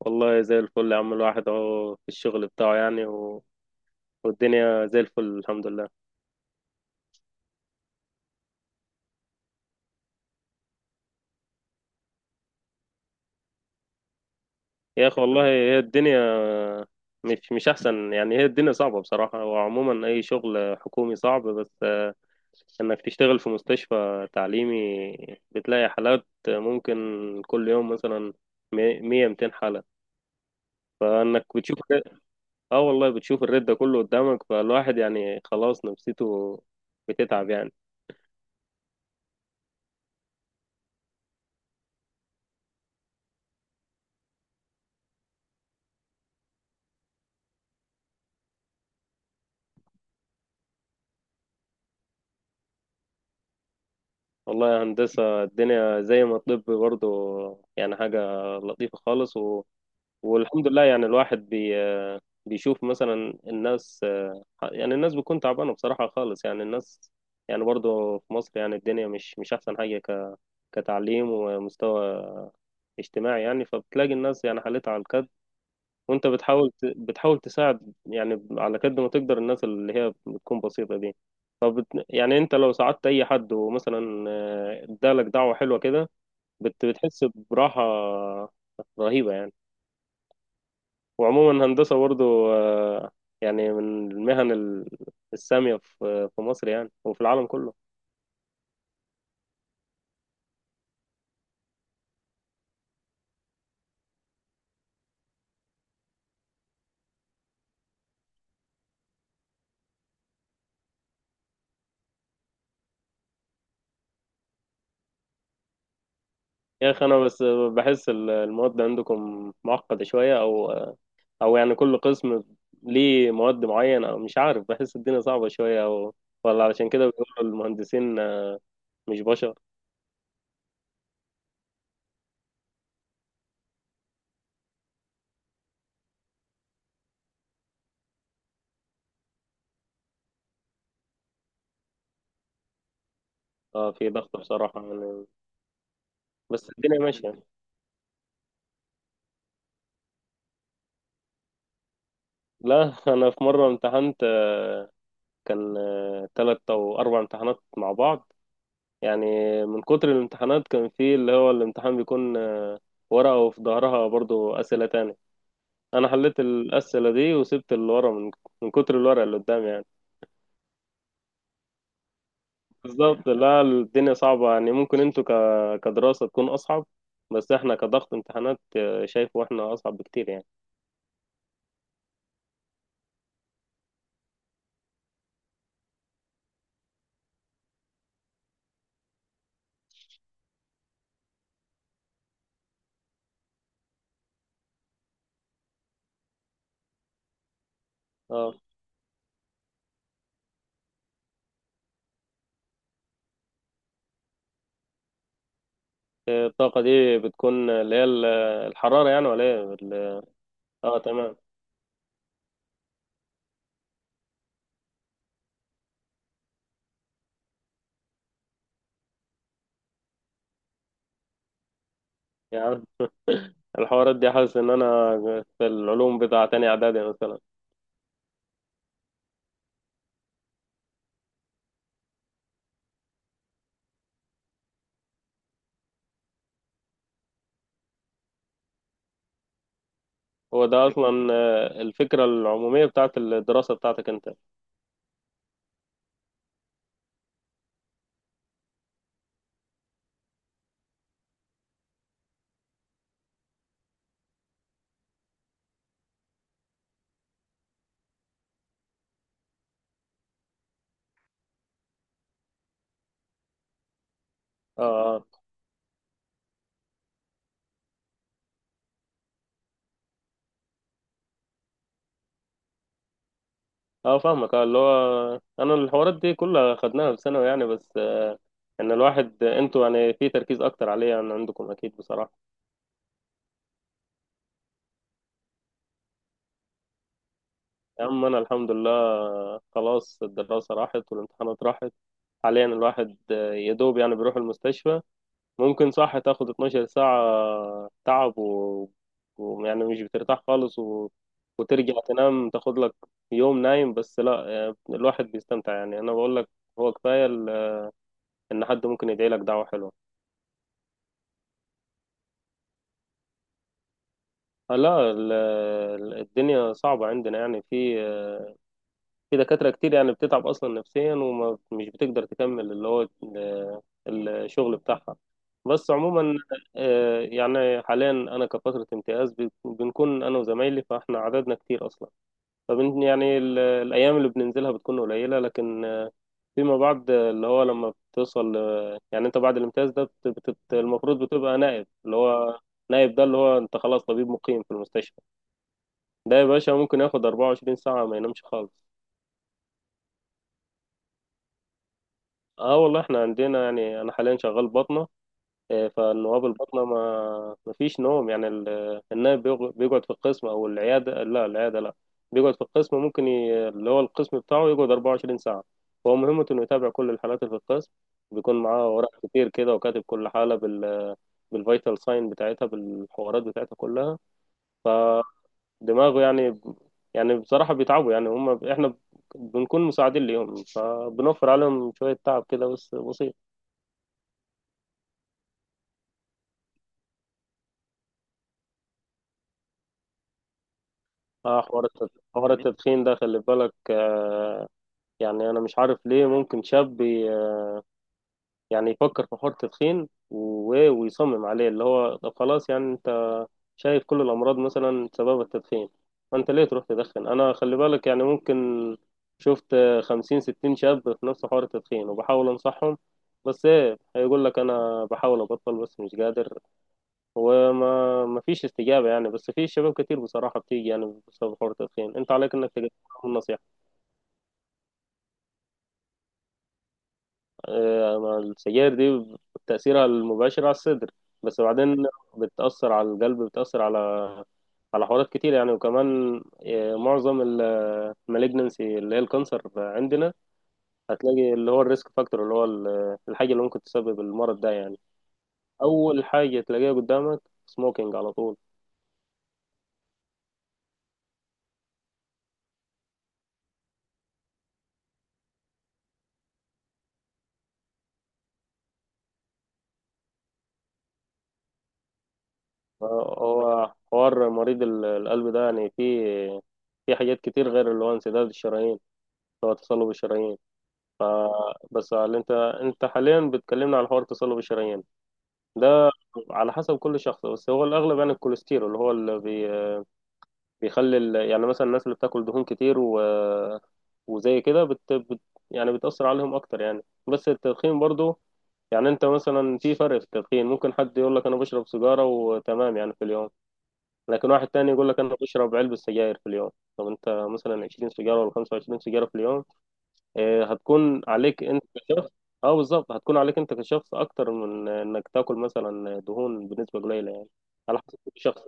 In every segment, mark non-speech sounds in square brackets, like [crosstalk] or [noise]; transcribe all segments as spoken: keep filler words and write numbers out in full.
والله زي الفل يا عم، الواحد اهو في الشغل بتاعه يعني و... والدنيا زي الفل الحمد لله. يا اخي والله هي الدنيا مش مش احسن يعني، هي الدنيا صعبة بصراحة، وعموما اي شغل حكومي صعب، بس آه، انك تشتغل في مستشفى تعليمي بتلاقي حالات ممكن كل يوم مثلا مي- مية ميتين حالة، فانك بتشوف. اه والله بتشوف الرد ده كله قدامك، فالواحد يعني خلاص نفسيته بتتعب يعني. والله يا هندسة الدنيا زي ما الطب برضه يعني حاجة لطيفة خالص و... والحمد لله، يعني الواحد بي... بيشوف مثلا الناس، يعني الناس بتكون تعبانة بصراحة خالص، يعني الناس يعني برضه في مصر يعني الدنيا مش مش أحسن حاجة ك... كتعليم ومستوى اجتماعي يعني، فبتلاقي الناس يعني حالتها على الكد. وانت بتحاول ت- بتحاول تساعد يعني على قد ما تقدر، الناس اللي هي بتكون بسيطة دي، فبت... يعني انت لو ساعدت اي حد ومثلا آه، ادالك دعوة حلوة كده، بت... بتحس براحة رهيبة يعني. وعموما هندسة برضو آه، يعني من المهن ال- السامية في في مصر يعني وفي العالم كله. يا اخي انا بس بحس ال- المواد عندكم معقدة شوية، او او يعني كل قسم ليه مواد معينة، او مش عارف بحس الدنيا صعبة شوية، او ولا علشان كده بيقولوا المهندسين آه، مش بشر. اه في ضغط بصراحة يعني، بس الدنيا ماشية. لا [laughs] انا في مرة امتحنت آه، كان آه، تلات او اربع امتحانات مع بعض يعني، من كتر الامتحانات كان في اللي هو الامتحان بيكون آه، ورقة وفي ظهرها برضو اسئلة تانية. انا حليت الاسئلة دي وسبت اللي ورا، من من كتر الورقة اللي قدامي يعني. بالظبط، لا الدنيا صعبة يعني، ممكن انتوا ك... كدراسة تكون أصعب، بس احنا كضغط امتحانات آه، شايفه احنا أصعب بكتير يعني. اه آه، الطاقة دي بتكون اللي هي ال- الحرارة يعني، ولا ايه ال- اه تمام. يعني [laughs] الحوارات دي حاسس ان انا في العلوم بتاع تاني اعدادي مثلا. هو ده اصلا آه، الفكرة العمومية بتاعت الدراسة بتاعتك انت؟ اه. آه. اه فاهمك، اه اللي هو انا الحوارات دي كلها خدناها في ثانوي يعني، بس آه، ان الواحد انتوا يعني في تركيز اكتر عليه عن عندكم اكيد بصراحه. يا عم انا الحمد لله آه، خلاص الدراسه راحت والامتحانات راحت. حاليا الواحد آه، يا دوب يعني بيروح المستشفى، ممكن صح تاخد اتناشر ساعة ساعه آه، تعب و... ويعني مش بترتاح خالص و... وترجع تنام تاخد لك يوم نايم، بس لا آه، الواحد بيستمتع يعني. انا بقول لك هو كفايه ال- ان حد ممكن يدعي لك دعوه حلوه. آه، لا ال- ال- الدنيا صعبة عندنا يعني، في في دكاترة كتير يعني بتتعب أصلا نفسيا، ومش بتقدر تكمل اللي هو ال- الشغل بتاعها. بس عموما آه، يعني حاليا أنا كفترة امتياز، بت- بنكون أنا وزمايلي فإحنا عددنا كتير أصلا، فبن يعني ال- الأيام اللي بننزلها بتكون قليلة، لكن آه، فيما بعد آه، اللي هو لما بتوصل آه، يعني أنت بعد الامتياز ده بت- بت- المفروض بتبقى نائب، اللي هو نائب ده اللي هو أنت خلاص طبيب مقيم في المستشفى. ده يا باشا ممكن ياخد 24 ساعة ما ينامش خالص. اه والله احنا عندنا يعني انا حاليا شغال بطنة. اه، فالنواب البطنة ما ما فيش نوم، يعني ال- النائب بيغ- بيقعد في القسم او العيادة، لا العيادة لا، بيقعد في القسم، ممكن ي... اللي هو القسم بتاعه يقعد 24 ساعة. فهو مهمته انه يتابع كل الحالات اللي في القسم، بيكون معاه ورق كتير كده، وكاتب كل حالة بال بالفيتال ساين بتاعتها بالحوارات بتاعتها كلها، دماغه يعني. يعني بصراحة بيتعبوا يعني هم، احنا بنكون مساعدين ليهم فبنوفر عليهم شوية تعب كده بس بسيط. اه حوار التد- حوار التدخين ده خلي بالك آه. يعني انا مش عارف ليه ممكن شاب ي- يعني يفكر في حوار التدخين و- ويصمم عليه، اللي هو طب خلاص يعني انت شايف كل الأمراض مثلا سبب التدخين، فأنت ليه تروح تدخن؟ أنا خلي بالك يعني ممكن شفت خمسين ستين شاب في نفس حوار التدخين، وبحاول أنصحهم، بس إيه هيقول لك أنا بحاول أبطل بس مش قادر، وما ما فيش استجابة يعني. بس في شباب كتير بصراحة بتيجي يعني بسبب حوار التدخين، أنت عليك إنك تقدم نصيحة. السجاير دي تأثيرها المباشر على الصدر، بس بعدين بتأثر على القلب، بتأثر على على حوارات كتير يعني، وكمان آه، معظم ال مالجنسي اللي هي الكانسر عندنا هتلاقي اللي هو الريسك فاكتور، اللي هو ال- الحاجة اللي ممكن تسبب المرض ده يعني، أول حاجة تلاقيها قدامك سموكينج على طول. آه، هو حوار مريض ال- القلب ده يعني فيه، في حاجات كتير غير اللي هو انسداد الشرايين، اللي هو تصلب الشرايين. بس اللي انت، انت حاليا بتكلمنا على حوار تصلب الشرايين ده، على حسب كل شخص، بس هو الأغلب يعني الكوليسترول، اللي هو اللي بي- بيخلي ال- يعني مثلا الناس اللي بتاكل دهون كتير و... وزي كده بت... بت... يعني بتأثر عليهم أكتر يعني. بس التدخين برضو، يعني أنت مثلا في فرق في التدخين، ممكن حد يقول لك أنا بشرب سيجارة وتمام يعني في اليوم، لكن واحد تاني يقول لك أنا بشرب علبة سجاير في اليوم. طب أنت مثلا 20 سيجارة ولا 25 سيجارة في اليوم، آه، هتكون عليك أنت كشخص. أه بالظبط، هتكون عليك أنت كشخص أكتر من إنك تاكل مثلا دهون بنسبة قليلة يعني. على حسب كل شخص.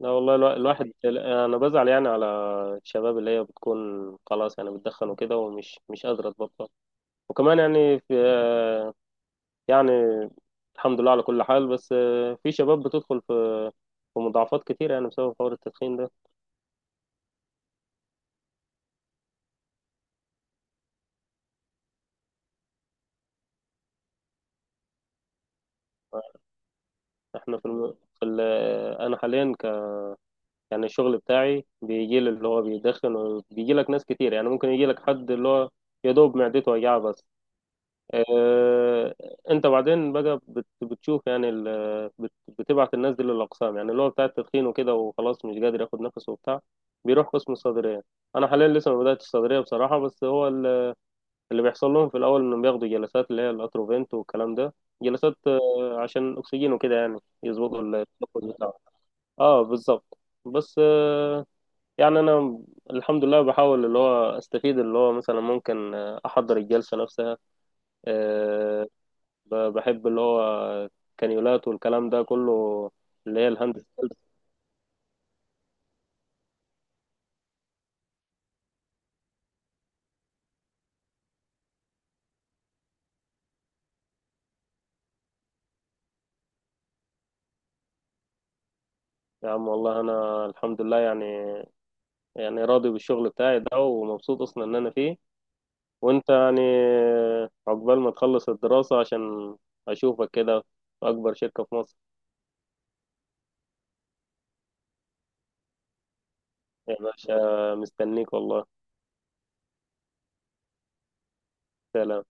لا والله الوا- الواحد انا بزعل يعني على الشباب اللي هي بتكون خلاص يعني بتدخن وكده، ومش مش قادره تبطل. وكمان يعني في، يعني الحمد لله على كل حال، بس آه، في شباب بتدخل في في مضاعفات كتير يعني بسبب حوار التدخين ده. احنا في, الم... في ال... آه، انا حاليا ك... يعني الشغل بتاعي بيجي لي اللي هو بيدخن، وبيجي لك ناس كتير يعني، ممكن يجي لك حد اللي هو يا دوب معدته وجعه بس. آه، انت بعدين بقى بت- بتشوف يعني ال- بت- بتبعت الناس دي للاقسام، يعني اللي هو بتاع التدخين وكده، وخلاص مش قادر ياخد نفسه وبتاع، بيروح قسم الصدريه. انا حاليا لسه ما بداتش الصدريه بصراحه، بس هو ال- اللي بيحصل لهم في الاول انهم بياخدوا جلسات اللي هي الاتروفنت والكلام ده، جلسات آه، عشان اكسجين وكده يعني، يظبطوا ال- التنفس بتاعهم. اه بالظبط. بس آه، يعني انا الحمد لله بحاول اللي هو استفيد، اللي هو مثلا ممكن آه، احضر الجلسه نفسها. آه، ب- بحب اللي هو الكانيولات والكلام ده كله، اللي هي الهاند سيلز. يا عم والله انا الحمد لله يعني، يعني راضي بالشغل بتاعي ده ومبسوط اصلا ان انا فيه. وانت يعني عقبال ما تخلص الدراسة عشان اشوفك كده في اكبر شركة في مصر. يا باشا مستنيك والله. سلام.